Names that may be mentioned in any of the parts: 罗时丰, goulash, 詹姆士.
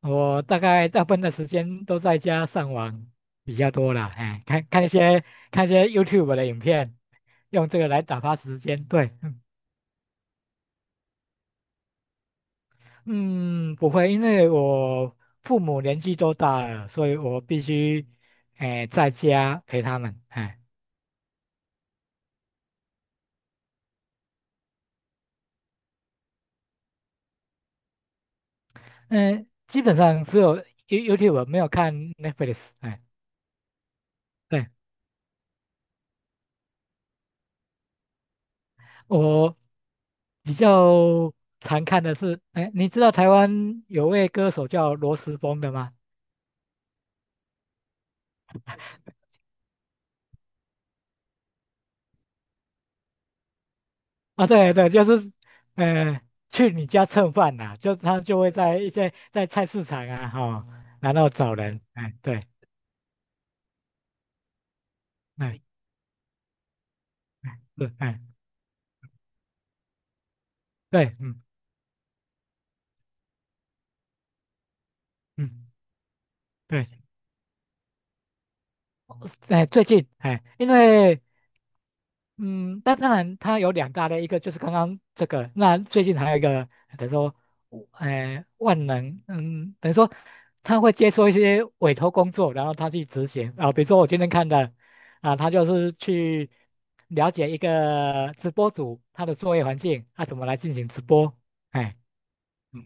我大概大部分的时间都在家上网比较多啦，哎，看一些 YouTube 的影片，用这个来打发时间。对，嗯，嗯不会，因为我父母年纪都大了，所以我必须在家陪他们。哎，嗯，基本上只有 YouTube 没有看 Netflix。哎，对，我比较常看的是，哎，你知道台湾有位歌手叫罗时丰的吗？啊，对对，就是，呃，去你家蹭饭呐、就他就会在一些在菜市场啊，哈、然后找人，哎，对，哎，是，哎，对，嗯嗯，对，哎，最近，哎，因为嗯，那当然，它有两大类，一个就是刚刚这个，那最近还有一个，等于说，呃，万能，嗯，等于说他会接受一些委托工作，然后他去执行啊，比如说我今天看的，啊，他就是去了解一个直播主他的作业环境，他、怎么来进行直播，哎，嗯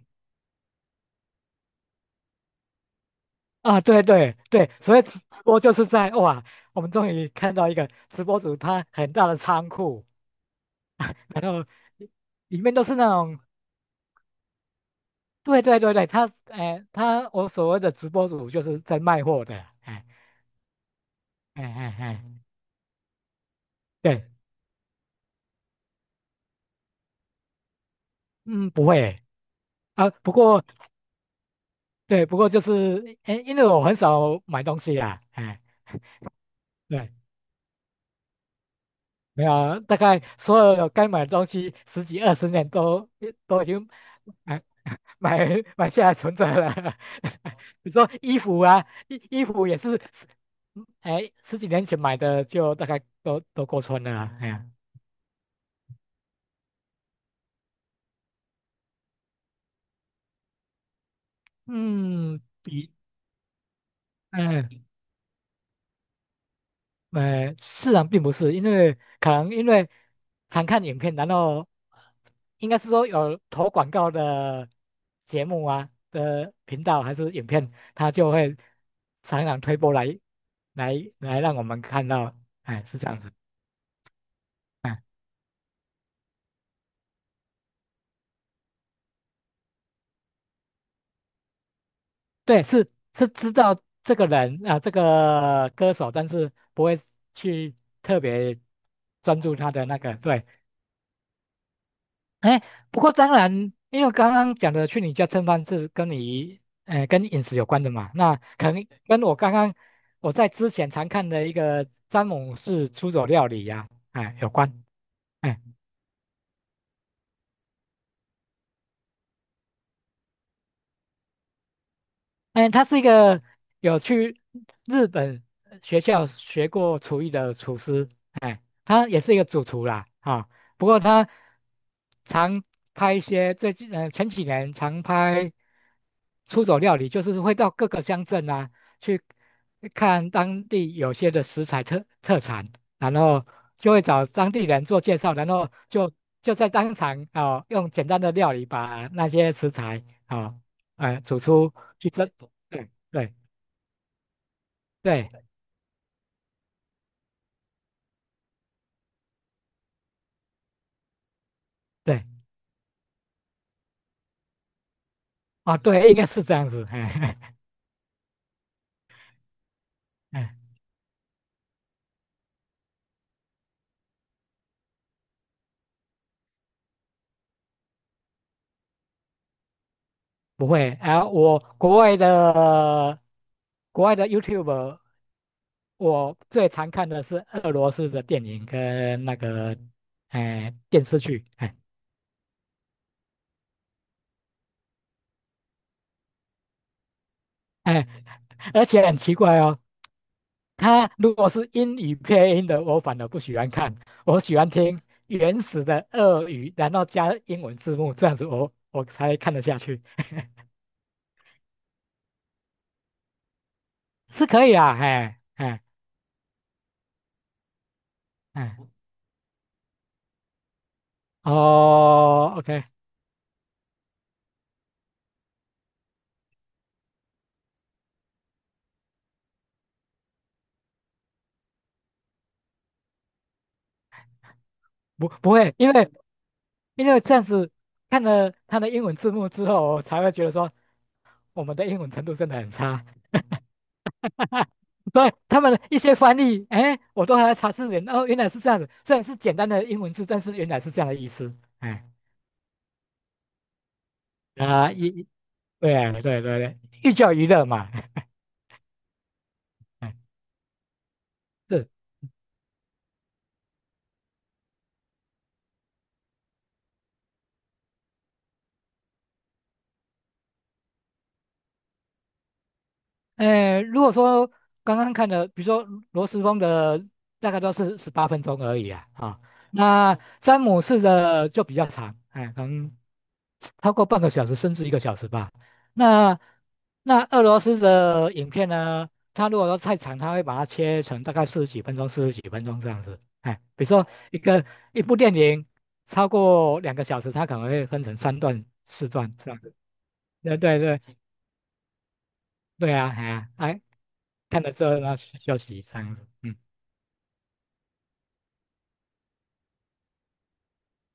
啊，对对对，所以直播就是在哇，我们终于看到一个直播主他很大的仓库，然后。里面都是那种对对对对，他哎，他我所谓的直播主就是在卖货的，哎哎哎哎，对，嗯，不会啊，不过对，不过就是哎，因为我很少买东西啦，哎，对，没有，大概所有该买的东西十几二十年都已经哎买买下来存着了，比如说衣服啊，衣服也是，哎，十几年前买的就大概都过穿了啊，哎呀，嗯，比。嗯，是啊，并不是，因为可能因为常看影片，然后应该是说有投广告的节目啊的频道还是影片，他就会常常推播来来让我们看到，哎，是这样子，哎，对，是知道这个人啊，这个歌手，但是不会去特别专注他的那个，对。哎，不过当然，因为刚刚讲的去你家蹭饭是跟你，哎，跟饮食有关的嘛，那可能跟我刚刚我在之前常看的一个詹姆士出走料理呀、哎，有关。哎哎，他是一个有去日本学校学过厨艺的厨师，哎，他也是一个主厨啦，啊、不过他常拍一些最近前几年常拍出走料理，就是会到各个乡镇啊去看当地有些的食材特产，然后就会找当地人做介绍，然后就就在当场啊、哦用简单的料理把那些食材啊、哦哎，走出征这对对对对，啊，对，应该是这样子，哎哎，不会啊，我国外的国外的 YouTube,我最常看的是俄罗斯的电影跟那个哎电视剧，哎哎，而且很奇怪哦，它如果是英语配音的，我反而不喜欢看，我喜欢听原始的俄语，然后加英文字幕，这样子我才看得下去，是可以啊，哎。哎哎，哦，OK,不会，因为因为这样子看了他的英文字幕之后，我才会觉得说我们的英文程度真的很差，所以他们的一些翻译，哎，我都还在查字典，哦，原来是这样子，虽然是简单的英文字，但是原来是这样的意思，哎，啊，一，对对对对，寓教于乐嘛，哎，是。哎，如果说刚刚看的，比如说罗斯峰的大概都是18分钟而已啊，啊、那詹姆士的就比较长，哎，可能超过半个小时甚至一个小时吧。那那俄罗斯的影片呢，它如果说太长，它会把它切成大概四十几分钟、四十几分钟这样子。哎，比如说一个一部电影超过两个小时，它可能会分成三段、四段这样子。对对对对啊，哎呀，哎看了之后呢去休息这样子，嗯，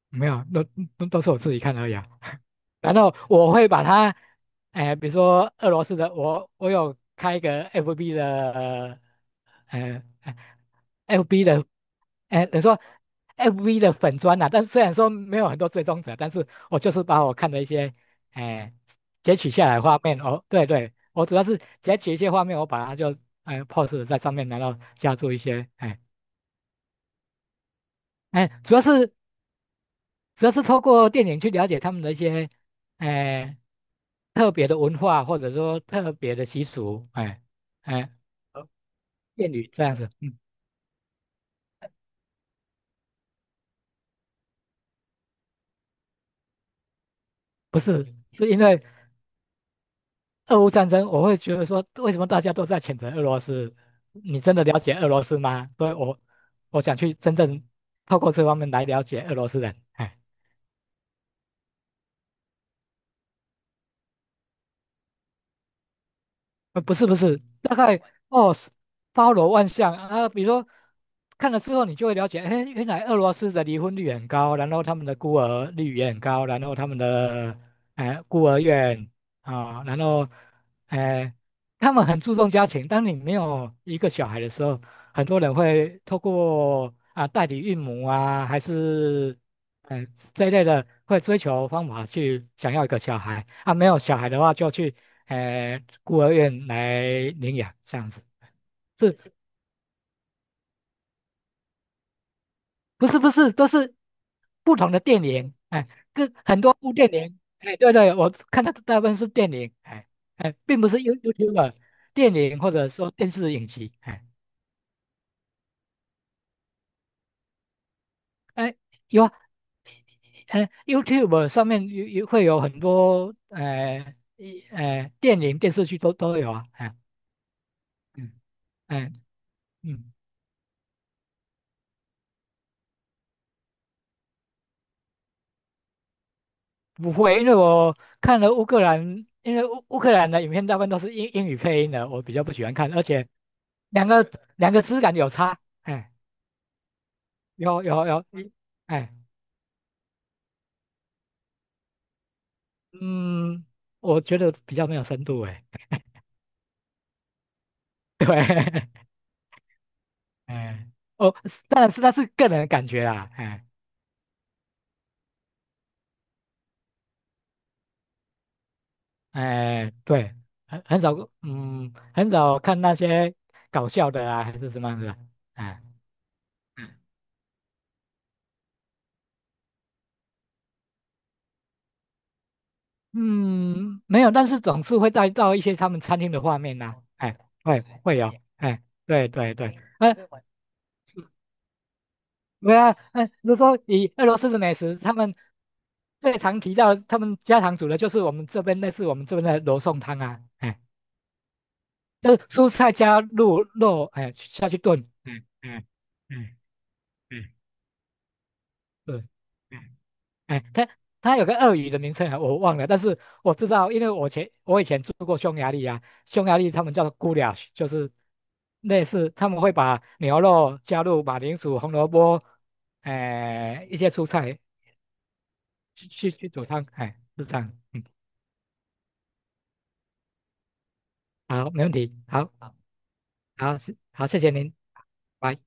没有，都是我自己看而已啊。然后我会把它，哎、比如说俄罗斯的，我有开一个 FB 的，呃，FB 的，哎、等于说 FB 的粉砖呐、啊，但是虽然说没有很多追踪者，但是我就是把我看的一些，哎、截取下来画面，哦，对对，我主要是截取一些画面，我把它就哎、post 在上面，然后加做一些，哎、哎，主要是主要是透过电影去了解他们的一些，哎、特别的文化或者说特别的习俗，哎、哎、谚语这样子。嗯，不是，是因为俄乌战争，我会觉得说，为什么大家都在谴责俄罗斯？你真的了解俄罗斯吗？所以我想去真正透过这方面来了解俄罗斯人。哎不是不是，大概哦，是包罗万象啊。比如说，看了之后，你就会了解，哎，原来俄罗斯的离婚率很高，然后他们的孤儿率也很高，然后他们的哎孤儿院啊、然后呃，他们很注重家庭。当你没有一个小孩的时候，很多人会透过啊代理孕母啊，还是呃这一类的，会追求方法去想要一个小孩啊。没有小孩的话，就去。哎，孤儿院来领养这样子，是不是不是都是不同的电影？哎，跟很多部电影，哎，对对，我看到大部分是电影，哎哎，并不是 YouTube 电影或者说电视影集，哎哎有啊，YouTube 上面有会有很多哎一电影电视剧都有啊，哎嗯哎嗯。不会，因为我看了乌克兰，因为乌克兰的影片大部分都是英语配音的，我比较不喜欢看，而且两个两个质感有差，哎，有有有，哎，嗯，我觉得比较没有深度，哎，对，哎，哦，当然是那是个人的感觉啦，哎哎，对，很很少，嗯，很少看那些搞笑的啊，还是什么样子的，哎嗯。嗯，没有，但是总是会带到一些他们餐厅的画面呐、哎，会有，哎，对对对，哎，对啊，哎，如果说以俄罗斯的美食，他们最常提到他们家常煮的就是我们这边类似我们这边的罗宋汤啊，哎，就是蔬菜加入肉，哎，下去炖，嗯嗯嗯嗯，对，哎，它有个鳄鱼的名称啊，我忘了，但是我知道，因为我以前住过匈牙利啊，匈牙利他们叫做 goulash,就是类似他们会把牛肉加入马铃薯、红萝卜，哎、一些蔬菜去煮汤，哎，是这样，嗯，好，没问题，好，好，好，谢好谢谢您，拜。